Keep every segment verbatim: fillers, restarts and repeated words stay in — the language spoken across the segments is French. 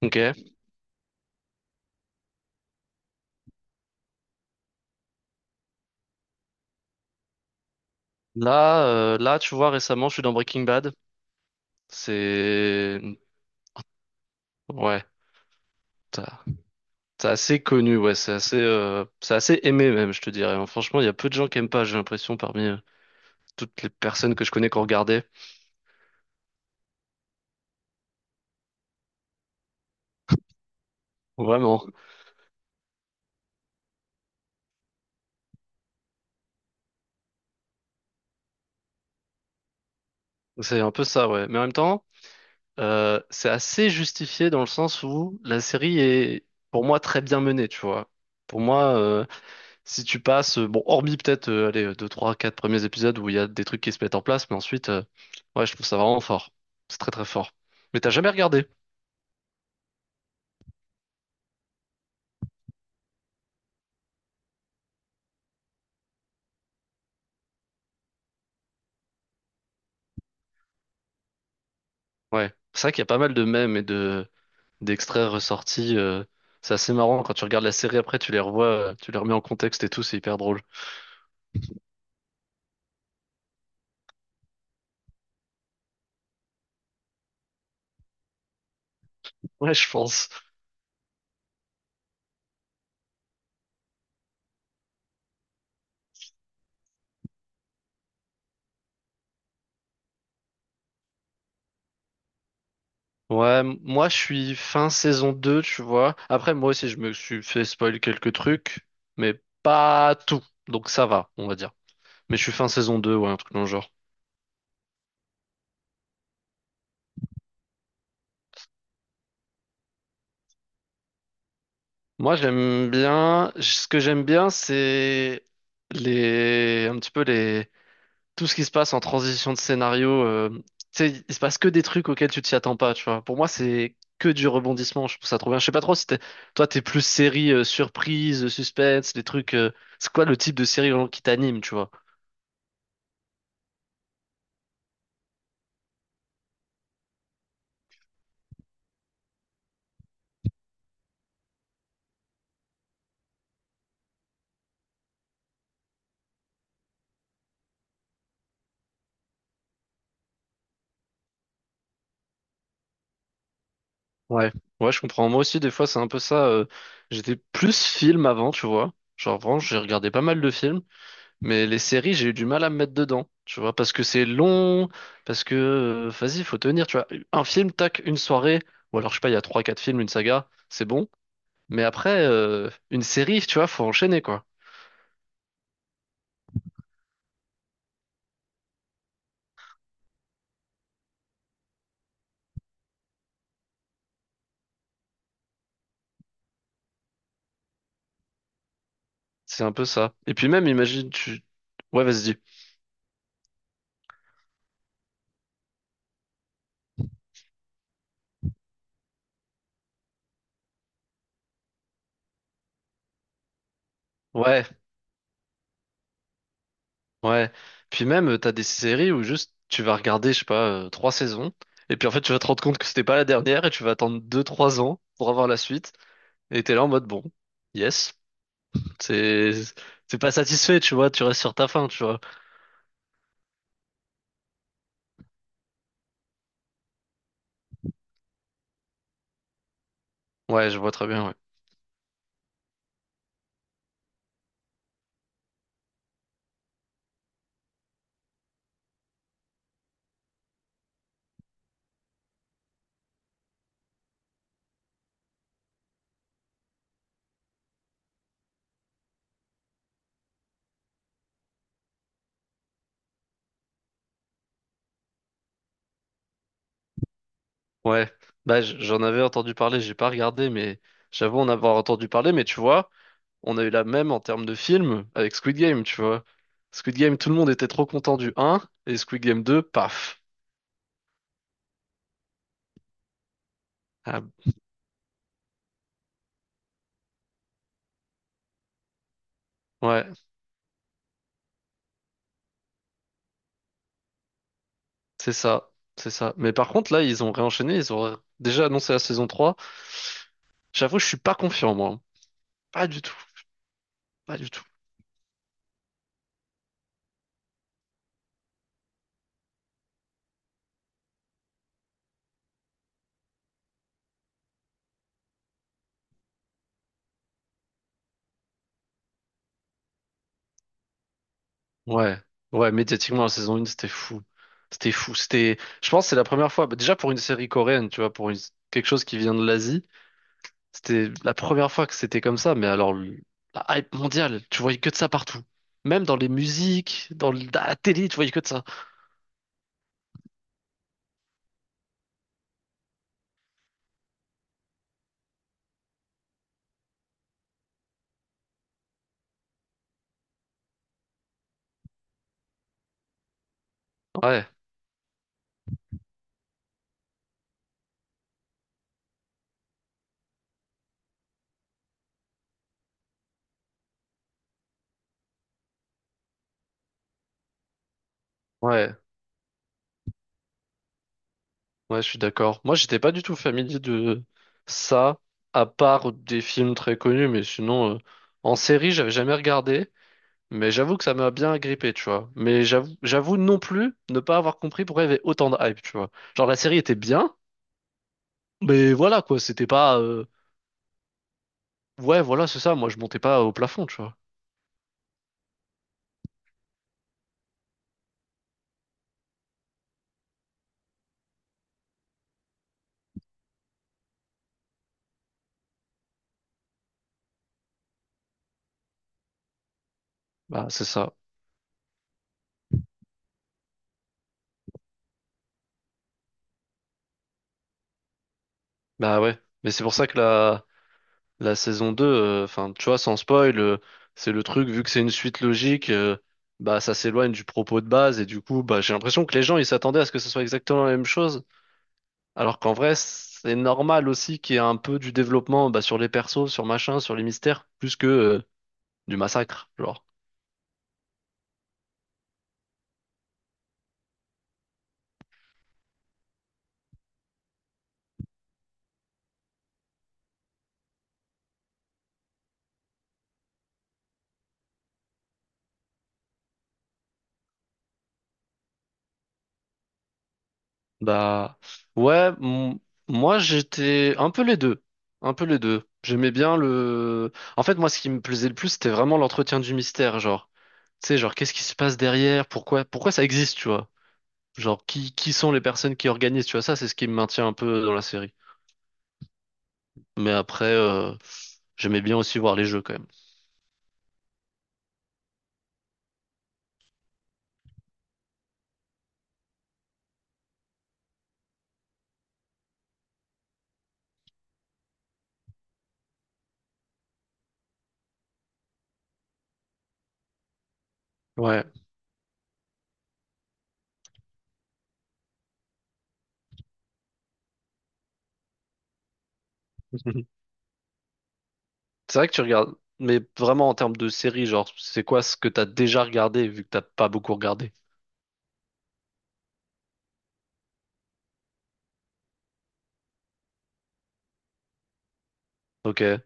Ok. Là, euh, là, tu vois, récemment, je suis dans Breaking Bad. C'est ouais, t'as- c'est assez connu, ouais, c'est assez, euh, c'est assez aimé même, je te dirais, hein. Franchement, il y a peu de gens qui aiment pas, j'ai l'impression, parmi euh, toutes les personnes que je connais qui ont regardé. Vraiment, c'est un peu ça, ouais. Mais en même temps, euh, c'est assez justifié dans le sens où la série est, pour moi, très bien menée, tu vois. Pour moi, euh, si tu passes, euh, bon, hormis peut-être, euh, allez, deux, trois, quatre premiers épisodes où il y a des trucs qui se mettent en place, mais ensuite, euh, ouais, je trouve ça vraiment fort. C'est très très fort. Mais t'as jamais regardé? Ouais. C'est vrai qu'il y a pas mal de mèmes et de d'extraits ressortis. Euh, c'est assez marrant quand tu regardes la série après, tu les revois, euh, tu les remets en contexte et tout, c'est hyper drôle. Ouais, je pense. Ouais, m- moi je suis fin saison deux, tu vois. Après, moi aussi, je me suis fait spoil quelques trucs, mais pas tout. Donc ça va, on va dire. Mais je suis fin saison deux, ouais, un truc dans le genre. Moi, j'aime bien. Ce que j'aime bien, c'est les un petit peu les tout ce qui se passe en transition de scénario. euh, Tu sais, il se passe que des trucs auxquels tu t'y attends pas. Tu vois. Pour moi, c'est que du rebondissement. Je trouve ça trop bien. Je sais pas trop si t'es... toi, t'es plus série euh, surprise, euh, suspense, des trucs. euh, C'est quoi le type de série vraiment qui t'anime, tu vois? Ouais. Ouais, je comprends. Moi aussi, des fois, c'est un peu ça. euh, J'étais plus film avant, tu vois. Genre, vraiment, j'ai regardé pas mal de films. Mais les séries, j'ai eu du mal à me mettre dedans, tu vois, parce que c'est long, parce que, euh, vas-y, faut tenir, tu vois. Un film, tac, une soirée, ou alors, je sais pas, il y a trois, quatre films, une saga, c'est bon. Mais après, euh, une série, tu vois, faut enchaîner, quoi. C'est un peu ça. Et puis même, imagine, tu... Ouais, vas-y, dis. Ouais, ouais. Puis même, euh, t'as des séries où juste, tu vas regarder, je sais pas, euh, trois saisons, et puis en fait, tu vas te rendre compte que c'était pas la dernière, et tu vas attendre deux, trois ans pour avoir la suite, et t'es là en mode, bon, yes. C'est, c'est pas satisfait, tu vois, tu restes sur ta faim, tu vois. Ouais, je vois très bien, ouais. Ouais, bah j- j'en avais entendu parler, j'ai pas regardé, mais j'avoue en avoir entendu parler, mais tu vois, on a eu la même en termes de film avec Squid Game, tu vois. Squid Game, tout le monde était trop content du un et Squid Game deux paf. Ah, ouais, c'est ça, c'est ça. Mais par contre, là, ils ont réenchaîné, ils ont déjà annoncé la saison trois. J'avoue, je suis pas confiant, moi. Pas du tout, pas du tout. Ouais, ouais, médiatiquement, la saison un, c'était fou. C'était fou. C'était, je pense, que c'est la première fois, bah, déjà pour une série coréenne, tu vois, pour une- quelque chose qui vient de l'Asie, c'était la première fois que c'était comme ça, mais alors, le- la hype mondiale, tu voyais que de ça partout. Même dans les musiques, dans le- dans la télé, tu voyais que de ça. Ouais, ouais, ouais, je suis d'accord. Moi, j'étais pas du tout familier de ça, à part des films très connus, mais sinon, euh, en série, j'avais jamais regardé. Mais j'avoue que ça m'a bien agrippé, tu vois. Mais j'avoue, j'avoue non plus ne pas avoir compris pourquoi il y avait autant de hype, tu vois. Genre la série était bien, mais voilà quoi, c'était pas. euh, Ouais, voilà, c'est ça. Moi, je montais pas au plafond, tu vois. Bah, c'est ça. Bah ouais. Mais c'est pour ça que la La saison deux, euh, enfin, tu vois, sans spoil, euh, c'est le truc, vu que c'est une suite logique, euh, bah, ça s'éloigne du propos de base, et du coup, bah, j'ai l'impression que les gens, ils s'attendaient à ce que ce soit exactement la même chose, alors qu'en vrai, c'est normal aussi qu'il y ait un peu du développement, bah, sur les persos, sur machin, sur les mystères, plus que, euh, du massacre, genre. Bah ouais, m- moi j'étais un peu les deux, un peu les deux. J'aimais bien le. En fait, moi, ce qui me plaisait le plus, c'était vraiment l'entretien du mystère, genre. Tu sais, genre qu'est-ce qui se passe derrière, pourquoi, pourquoi ça existe, tu vois. Genre qui, qui sont les personnes qui organisent, tu vois. Ça, c'est ce qui me maintient un peu dans la série. Mais après, euh, j'aimais bien aussi voir les jeux quand même. Ouais. C'est vrai que tu regardes, mais vraiment en termes de série, genre c'est quoi ce que t'as déjà regardé vu que t'as pas beaucoup regardé. Ok.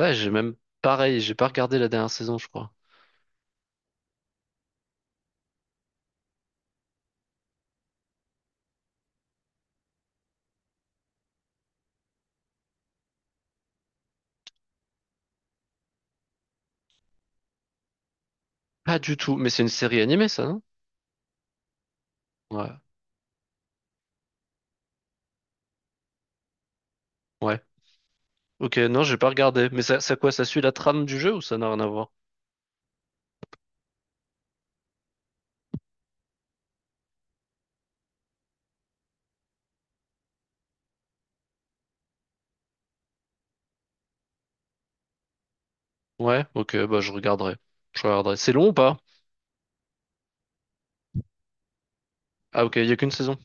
Ouais, j'ai même pareil, j'ai pas regardé la dernière saison, je crois. Pas du tout, mais c'est une série animée, ça, non? Ouais, ouais. Ok, non, j'ai pas regardé. Mais ça, ça quoi, ça suit la trame du jeu ou ça n'a rien à voir? Ouais, ok, bah je regarderai. Je regarderai. C'est long ou pas? Ah ok, il y a qu'une saison.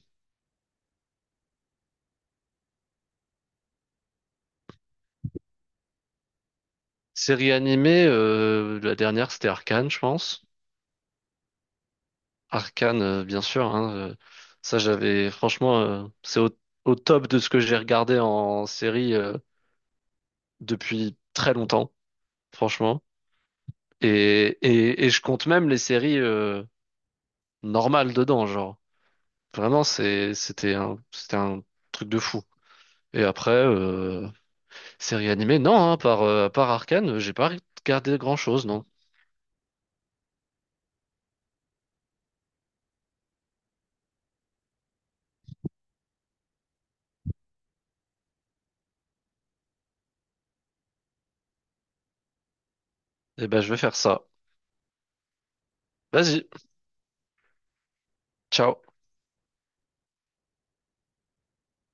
Série animée, euh, la dernière c'était Arcane, je pense. Arcane, euh, bien sûr, hein, euh, ça, j'avais franchement, euh, c'est au, au top de ce que j'ai regardé en série euh, depuis très longtemps, franchement. Et, et, et je compte même les séries euh, normal dedans, genre. Vraiment, c'est, c'était un, c'était un truc de fou. Et après, euh, série animée, non, hein, par, euh, à part Arcane, j'ai pas regardé grand-chose, non. Eh ben, je vais faire ça. Vas-y, ciao.